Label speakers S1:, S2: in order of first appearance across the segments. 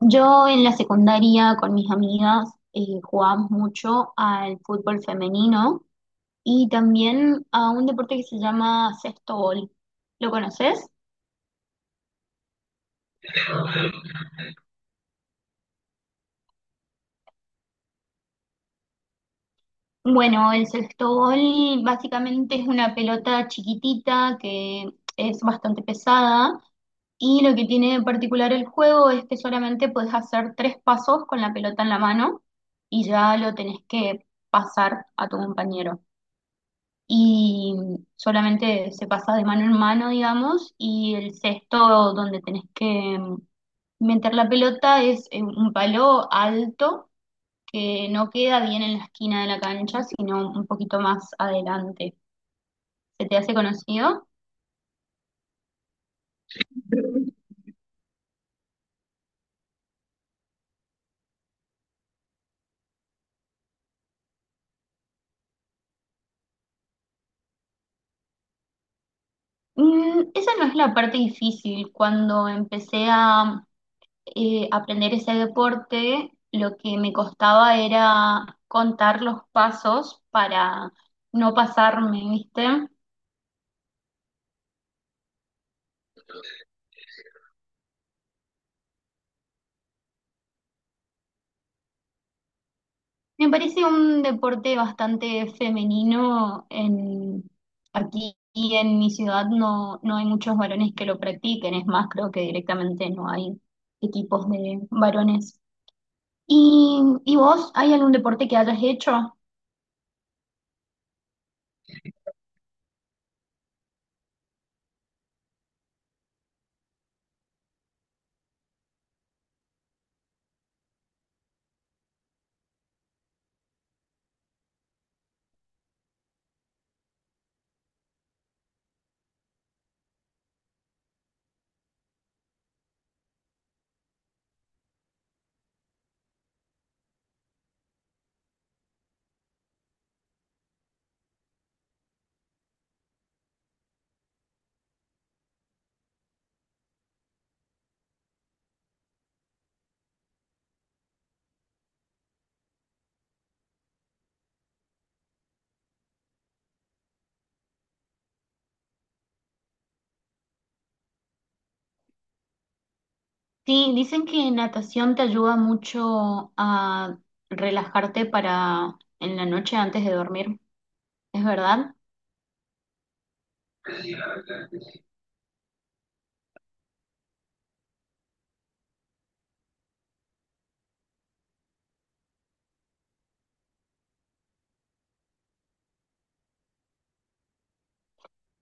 S1: Yo en la secundaria con mis amigas jugábamos mucho al fútbol femenino y también a un deporte que se llama sexto bol. ¿Lo conoces? Bueno, el sexto bol básicamente es una pelota chiquitita que es bastante pesada y lo que tiene de particular el juego es que solamente puedes hacer tres pasos con la pelota en la mano y ya lo tenés que pasar a tu compañero. Y solamente se pasa de mano en mano, digamos, y el cesto donde tenés que meter la pelota es un palo alto que no queda bien en la esquina de la cancha, sino un poquito más adelante. ¿Se te hace conocido? Mm, esa no es la parte difícil. Cuando empecé a aprender ese deporte, lo que me costaba era contar los pasos para no pasarme, ¿viste? Me parece un deporte bastante femenino. En, aquí en mi ciudad no hay muchos varones que lo practiquen, es más, creo que directamente no hay equipos de varones. Y vos, hay algún deporte que hayas hecho? Sí, dicen que natación te ayuda mucho a relajarte para en la noche antes de dormir, ¿es verdad?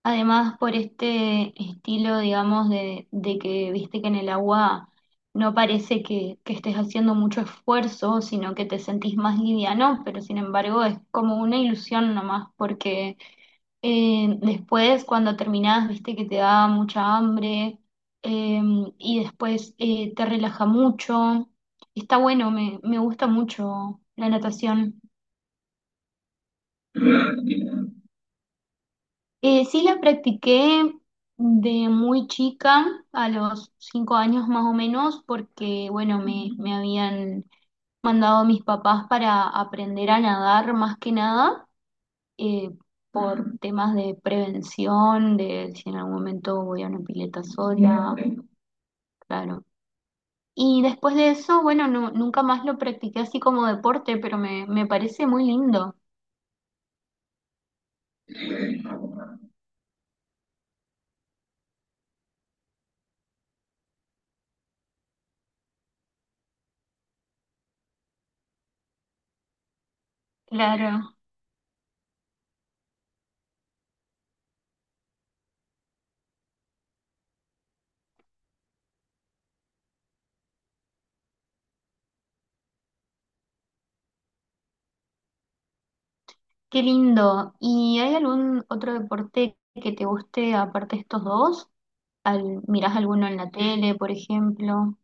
S1: Además, por este estilo, digamos, de que viste que en el agua no parece que estés haciendo mucho esfuerzo, sino que te sentís más liviano, pero sin embargo es como una ilusión nomás, porque después cuando terminás, viste que te da mucha hambre eh, y después te relaja mucho. Está bueno, me gusta mucho la natación. Sí la practiqué de muy chica, a los 5 años más o menos, porque bueno, me habían mandado mis papás para aprender a nadar más que nada, eh, por temas de prevención, de si en algún momento voy a una pileta sola, claro. Y después de eso, bueno, nunca más lo practiqué así como deporte, pero me parece muy lindo. Claro. Qué lindo. ¿Y hay algún otro deporte que te guste aparte de estos dos? ¿Al, mirás alguno en la tele, por ejemplo?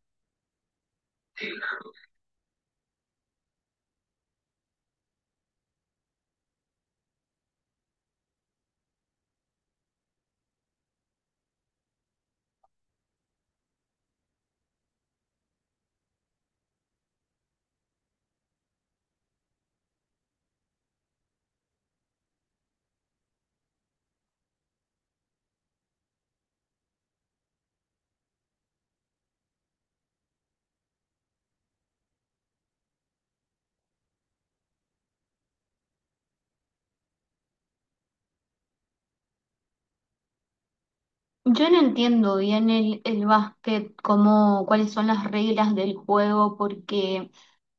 S1: Yo no entiendo bien el básquet, cómo, cuáles son las reglas del juego, porque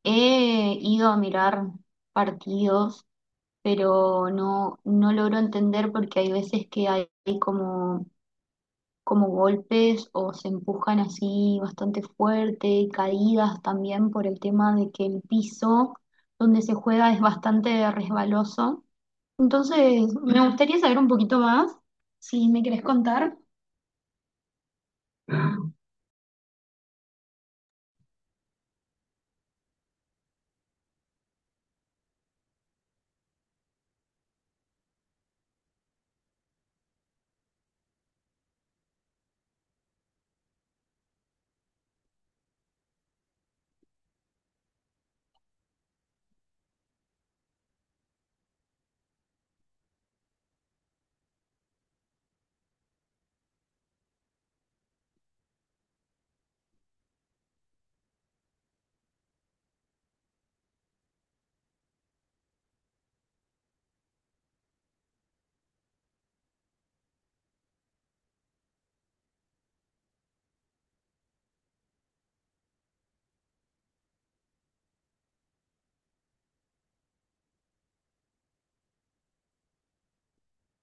S1: he ido a mirar partidos, pero no logro entender porque hay veces que hay como como golpes o se empujan así bastante fuerte, caídas también por el tema de que el piso donde se juega es bastante resbaloso. Entonces, me gustaría saber un poquito más, si me querés contar.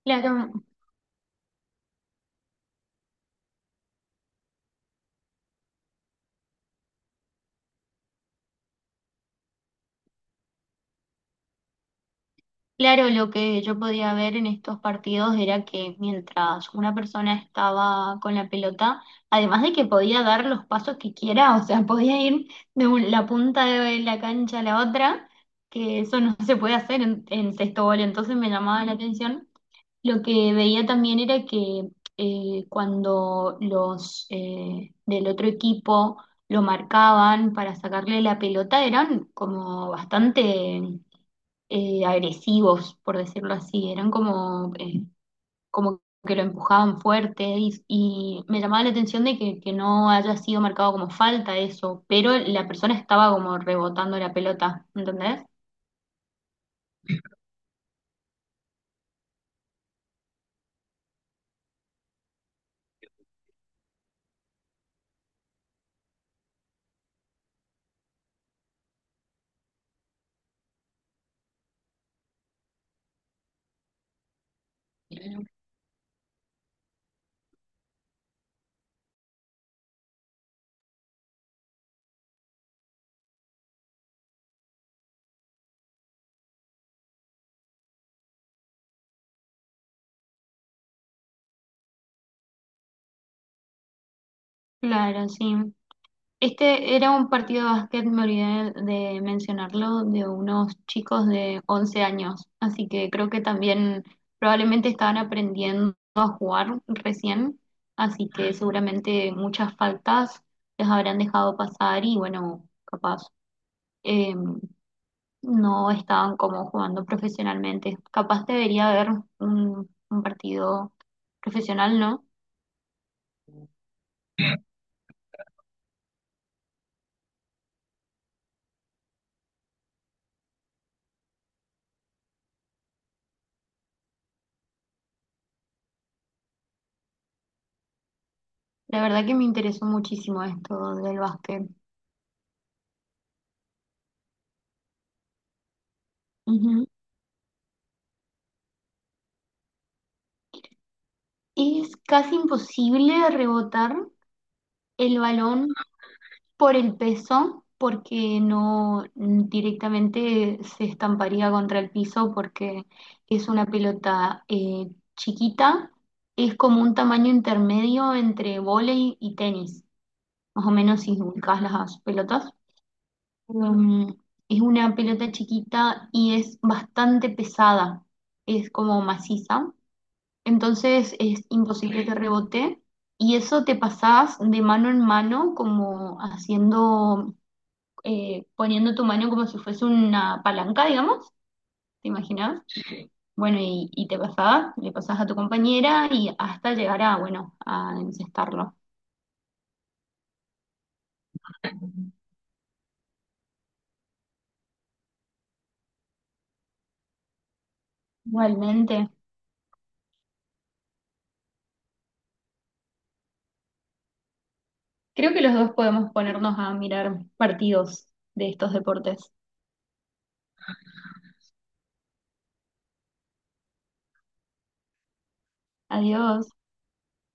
S1: Claro, claro, lo que yo podía ver en estos partidos era que mientras una persona estaba con la pelota, además de que podía dar los pasos que quiera, o sea, podía ir de la punta de la cancha a la otra, que eso no se puede hacer en sexto gol, entonces me llamaba la atención. Lo que veía también era que cuando los del otro equipo lo marcaban para sacarle la pelota, eran como bastante agresivos, por decirlo así, eran como, como que lo empujaban fuerte y me llamaba la atención de que no haya sido marcado como falta eso, pero la persona estaba como rebotando la pelota, ¿entendés? Claro, sí. Este era un partido de básquet, me olvidé de mencionarlo, de unos chicos de 11 años, así que creo que también probablemente estaban aprendiendo a jugar recién, así que seguramente muchas faltas les habrán dejado pasar y bueno, capaz eh, no estaban como jugando profesionalmente. Capaz debería haber un partido profesional, ¿no? La verdad que me interesó muchísimo esto del básquet. Ujú. Es casi imposible rebotar el balón por el peso porque no mm, directamente se estamparía contra el piso porque es una pelota chiquita, es como un tamaño intermedio entre vóley y tenis, más o menos si ubicás las pelotas. Mm, es una pelota chiquita y es bastante pesada, es como maciza entonces es imposible que rebote y eso te pasás de mano en mano como haciendo, poniendo tu mano como si fuese una palanca, digamos, ¿te imaginas? Bueno, y te pasás, le pasás a tu compañera y hasta llegar a, bueno, a encestarlo. Igualmente, creo que los dos podemos ponernos a mirar partidos de estos deportes. Adiós.